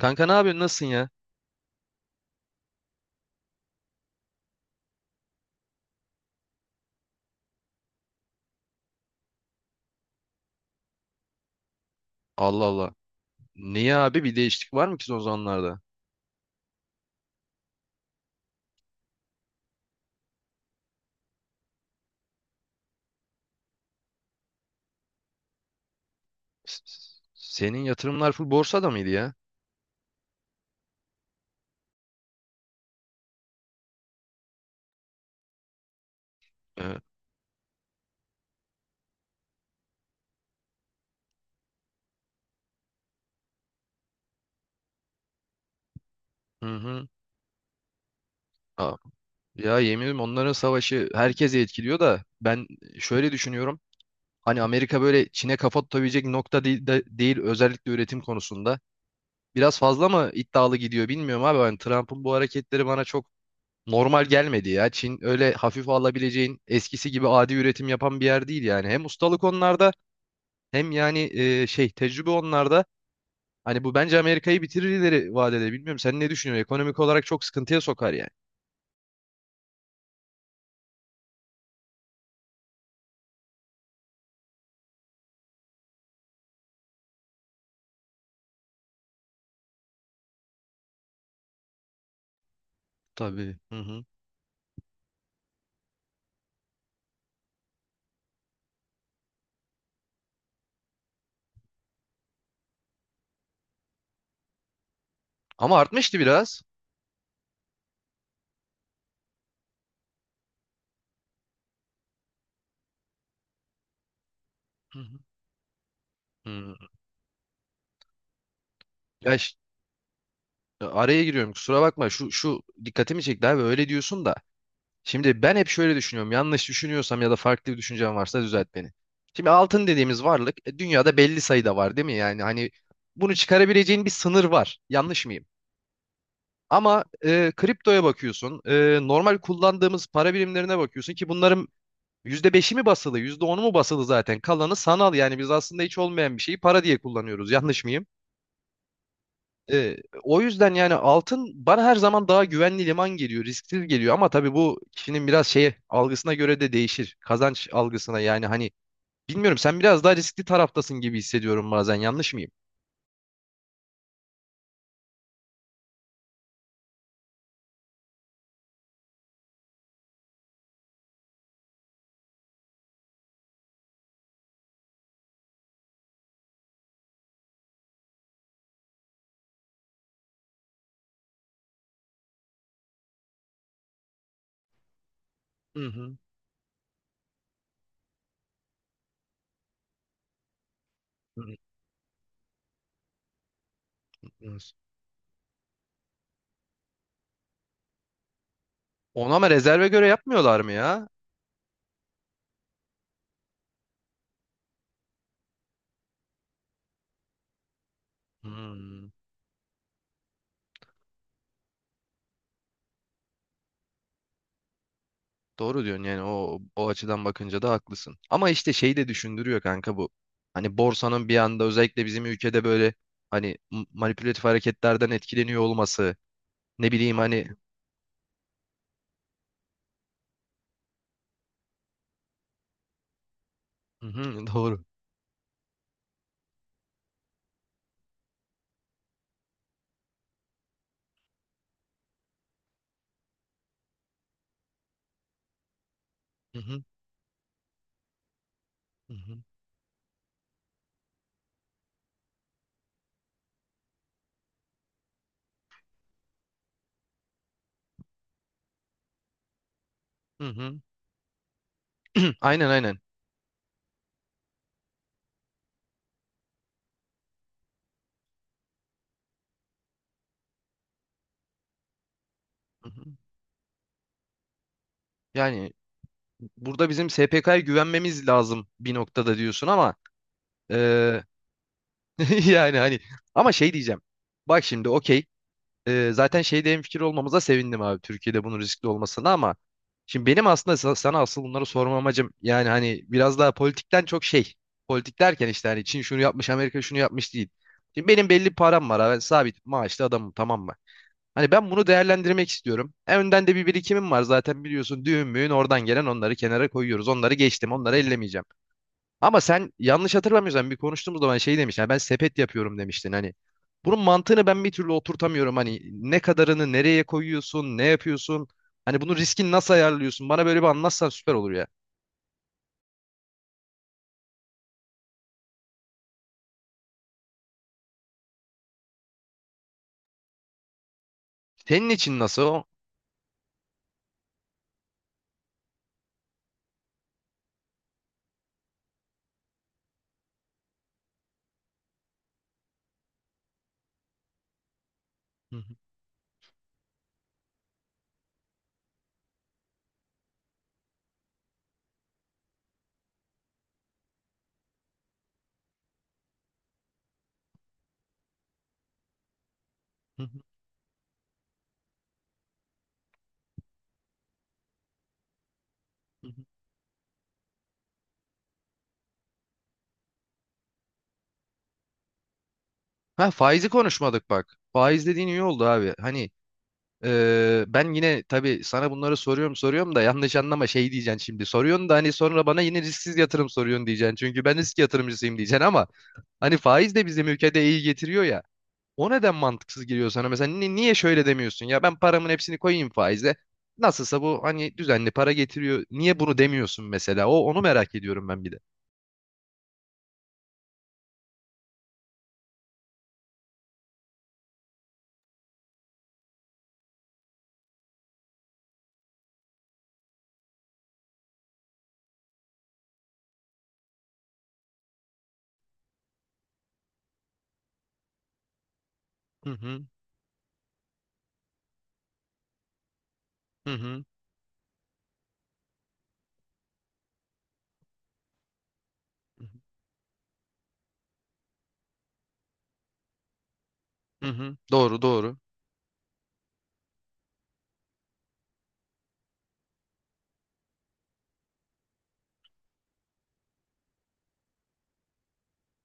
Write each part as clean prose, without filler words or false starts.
Kanka ne yapıyorsun? Nasılsın ya? Allah Allah. Niye abi? Bir değişiklik var mı ki son zamanlarda? Senin yatırımlar full borsada mıydı ya? Evet. Hı hı. Aa, ya yemin ederim onların savaşı herkese etkiliyor da ben şöyle düşünüyorum. Hani Amerika böyle Çin'e kafa tutabilecek nokta değil, değil özellikle üretim konusunda. Biraz fazla mı iddialı gidiyor bilmiyorum abi. Hani Trump'ın bu hareketleri bana çok normal gelmedi ya. Çin öyle hafif alabileceğin eskisi gibi adi üretim yapan bir yer değil yani. Hem ustalık onlarda, hem yani şey tecrübe onlarda. Hani bu bence Amerika'yı bitirir ileri vadede. Bilmiyorum sen ne düşünüyorsun? Ekonomik olarak çok sıkıntıya sokar yani. Tabii. Hı hı. Ama artmıştı biraz. Hı hı. Hmm. Ya ş- Araya giriyorum, kusura bakma, şu dikkatimi çekti abi, öyle diyorsun da. Şimdi ben hep şöyle düşünüyorum, yanlış düşünüyorsam ya da farklı bir düşüncem varsa düzelt beni. Şimdi altın dediğimiz varlık dünyada belli sayıda var, değil mi? Yani hani bunu çıkarabileceğin bir sınır var. Yanlış mıyım? Ama kriptoya bakıyorsun, normal kullandığımız para birimlerine bakıyorsun ki bunların %5'i mi basılı, %10'u mu basılı zaten? Kalanı sanal, yani biz aslında hiç olmayan bir şeyi para diye kullanıyoruz. Yanlış mıyım? E, o yüzden yani altın bana her zaman daha güvenli liman geliyor, risksiz geliyor, ama tabii bu kişinin biraz şeye algısına göre de değişir. Kazanç algısına yani, hani bilmiyorum, sen biraz daha riskli taraftasın gibi hissediyorum bazen. Yanlış mıyım? Hı hı. Hı hı. Evet. Ona mı, rezerve göre yapmıyorlar mı ya? Hmm. Doğru diyorsun yani, o açıdan bakınca da haklısın. Ama işte şey de düşündürüyor kanka bu. Hani borsanın bir anda özellikle bizim ülkede böyle hani manipülatif hareketlerden etkileniyor olması. Ne bileyim hani. Hı hı, doğru. Hı hı, hı hı, hı hı. Aynen aynen. Hı hı. Yani burada bizim SPK'ya güvenmemiz lazım bir noktada diyorsun ama eee, yani hani, ama şey diyeceğim. Bak şimdi okey, zaten şeyde hemfikir olmamıza sevindim abi, Türkiye'de bunun riskli olmasına, ama şimdi benim aslında sana asıl bunları sorma amacım yani hani biraz daha politikten çok şey, politik derken işte hani Çin şunu yapmış, Amerika şunu yapmış değil. Şimdi benim belli bir param var abi, ben sabit maaşlı adamım, tamam mı? Hani ben bunu değerlendirmek istiyorum. En önden de bir birikimim var zaten biliyorsun, düğün müğün oradan gelen, onları kenara koyuyoruz, onları geçtim, onları ellemeyeceğim. Ama sen yanlış hatırlamıyorsam bir konuştuğumuz zaman şey demiştin. "Ha, ben sepet yapıyorum" demiştin. Hani bunun mantığını ben bir türlü oturtamıyorum. Hani ne kadarını nereye koyuyorsun, ne yapıyorsun? Hani bunun riskini nasıl ayarlıyorsun? Bana böyle bir anlatsan süper olur ya. Senin için nasıl o? Hı hı, hı hı, hı hı. Ha, faizi konuşmadık bak. Faiz dediğin iyi oldu abi. Hani ben yine tabii sana bunları soruyorum soruyorum da, yanlış anlama, şey diyeceksin şimdi. Soruyorsun da hani sonra bana yine risksiz yatırım soruyorsun diyeceksin. Çünkü ben risk yatırımcısıyım diyeceksin ama hani faiz de bizim ülkede iyi getiriyor ya. O neden mantıksız geliyor sana? Mesela niye şöyle demiyorsun? Ya ben paramın hepsini koyayım faize. Nasılsa bu hani düzenli para getiriyor. Niye bunu demiyorsun mesela? Onu merak ediyorum ben bir de. Hı hı, hı hı, hı hı. Doğru, doğru.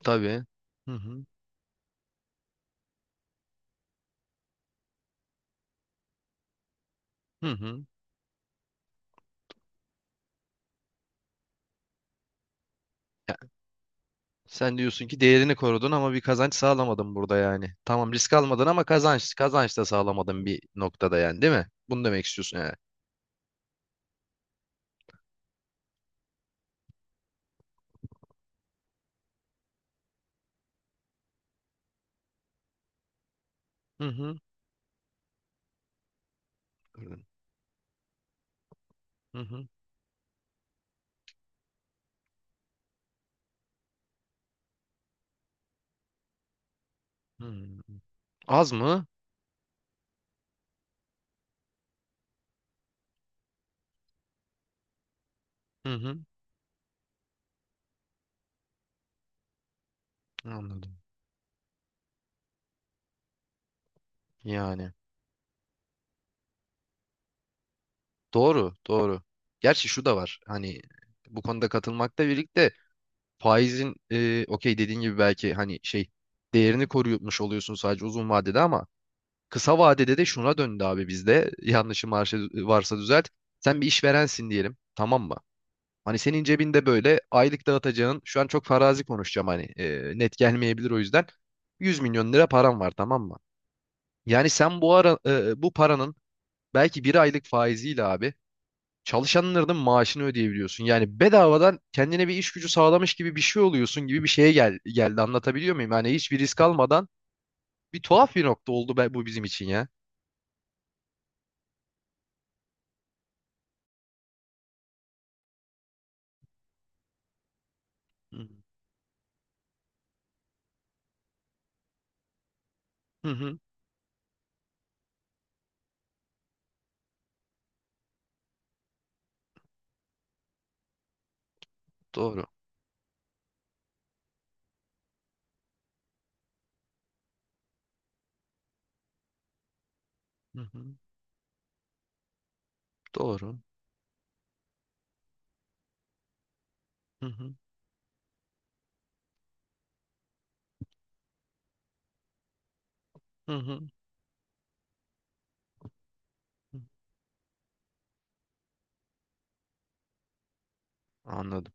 Tabii. Hı hı, hı hı. Ya, sen diyorsun ki değerini korudun ama bir kazanç sağlamadın burada yani. Tamam, risk almadın ama kazanç da sağlamadın bir noktada yani, değil mi? Bunu demek istiyorsun yani. Hı hı. Hı hı. Hı hı. Az mı? Hı hı. Anladım. Yani. Doğru, doğru. Gerçi şu da var. Hani bu konuda katılmakla birlikte faizin okey dediğin gibi, belki hani şey, değerini koruymuş oluyorsun sadece uzun vadede, ama kısa vadede de şuna döndü abi bizde. Yanlışım varsa, düzelt. Sen bir işverensin diyelim. Tamam mı? Hani senin cebinde böyle aylık dağıtacağın, şu an çok farazi konuşacağım hani, net gelmeyebilir o yüzden, 100 milyon lira param var, tamam mı? Yani sen bu ara bu paranın belki bir aylık faiziyle abi çalışanların maaşını ödeyebiliyorsun. Yani bedavadan kendine bir iş gücü sağlamış gibi bir şey oluyorsun gibi bir şeye gel geldi. Anlatabiliyor muyum? Yani hiçbir risk almadan bir tuhaf bir nokta oldu bu bizim için ya. Hı hı. Hı, doğru. Hı hı. Doğru. Hı hı. Hı hı. Hı. Anladım.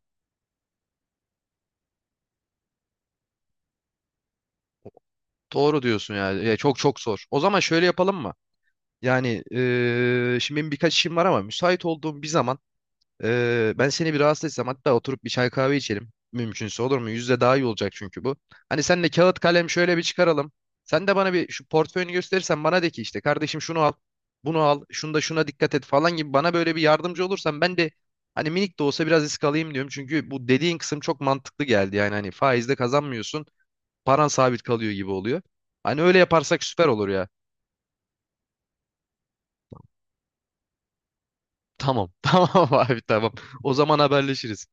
Doğru diyorsun yani. Ya, çok çok zor. O zaman şöyle yapalım mı? Yani şimdi benim birkaç işim var ama müsait olduğum bir zaman, ben seni bir rahatsız etsem, hatta oturup bir çay kahve içelim. Mümkünse olur mu? Yüzde daha iyi olacak çünkü bu. Hani senle kağıt kalem şöyle bir çıkaralım. Sen de bana bir şu portföyünü gösterirsen, bana de ki "işte kardeşim şunu al, bunu al, şunda şuna dikkat et" falan gibi, bana böyle bir yardımcı olursan ben de hani minik de olsa biraz risk alayım diyorum. Çünkü bu dediğin kısım çok mantıklı geldi. Yani hani faizde kazanmıyorsun, paran sabit kalıyor gibi oluyor. Hani öyle yaparsak süper olur ya. Tamam, tamam abi tamam. O zaman haberleşiriz.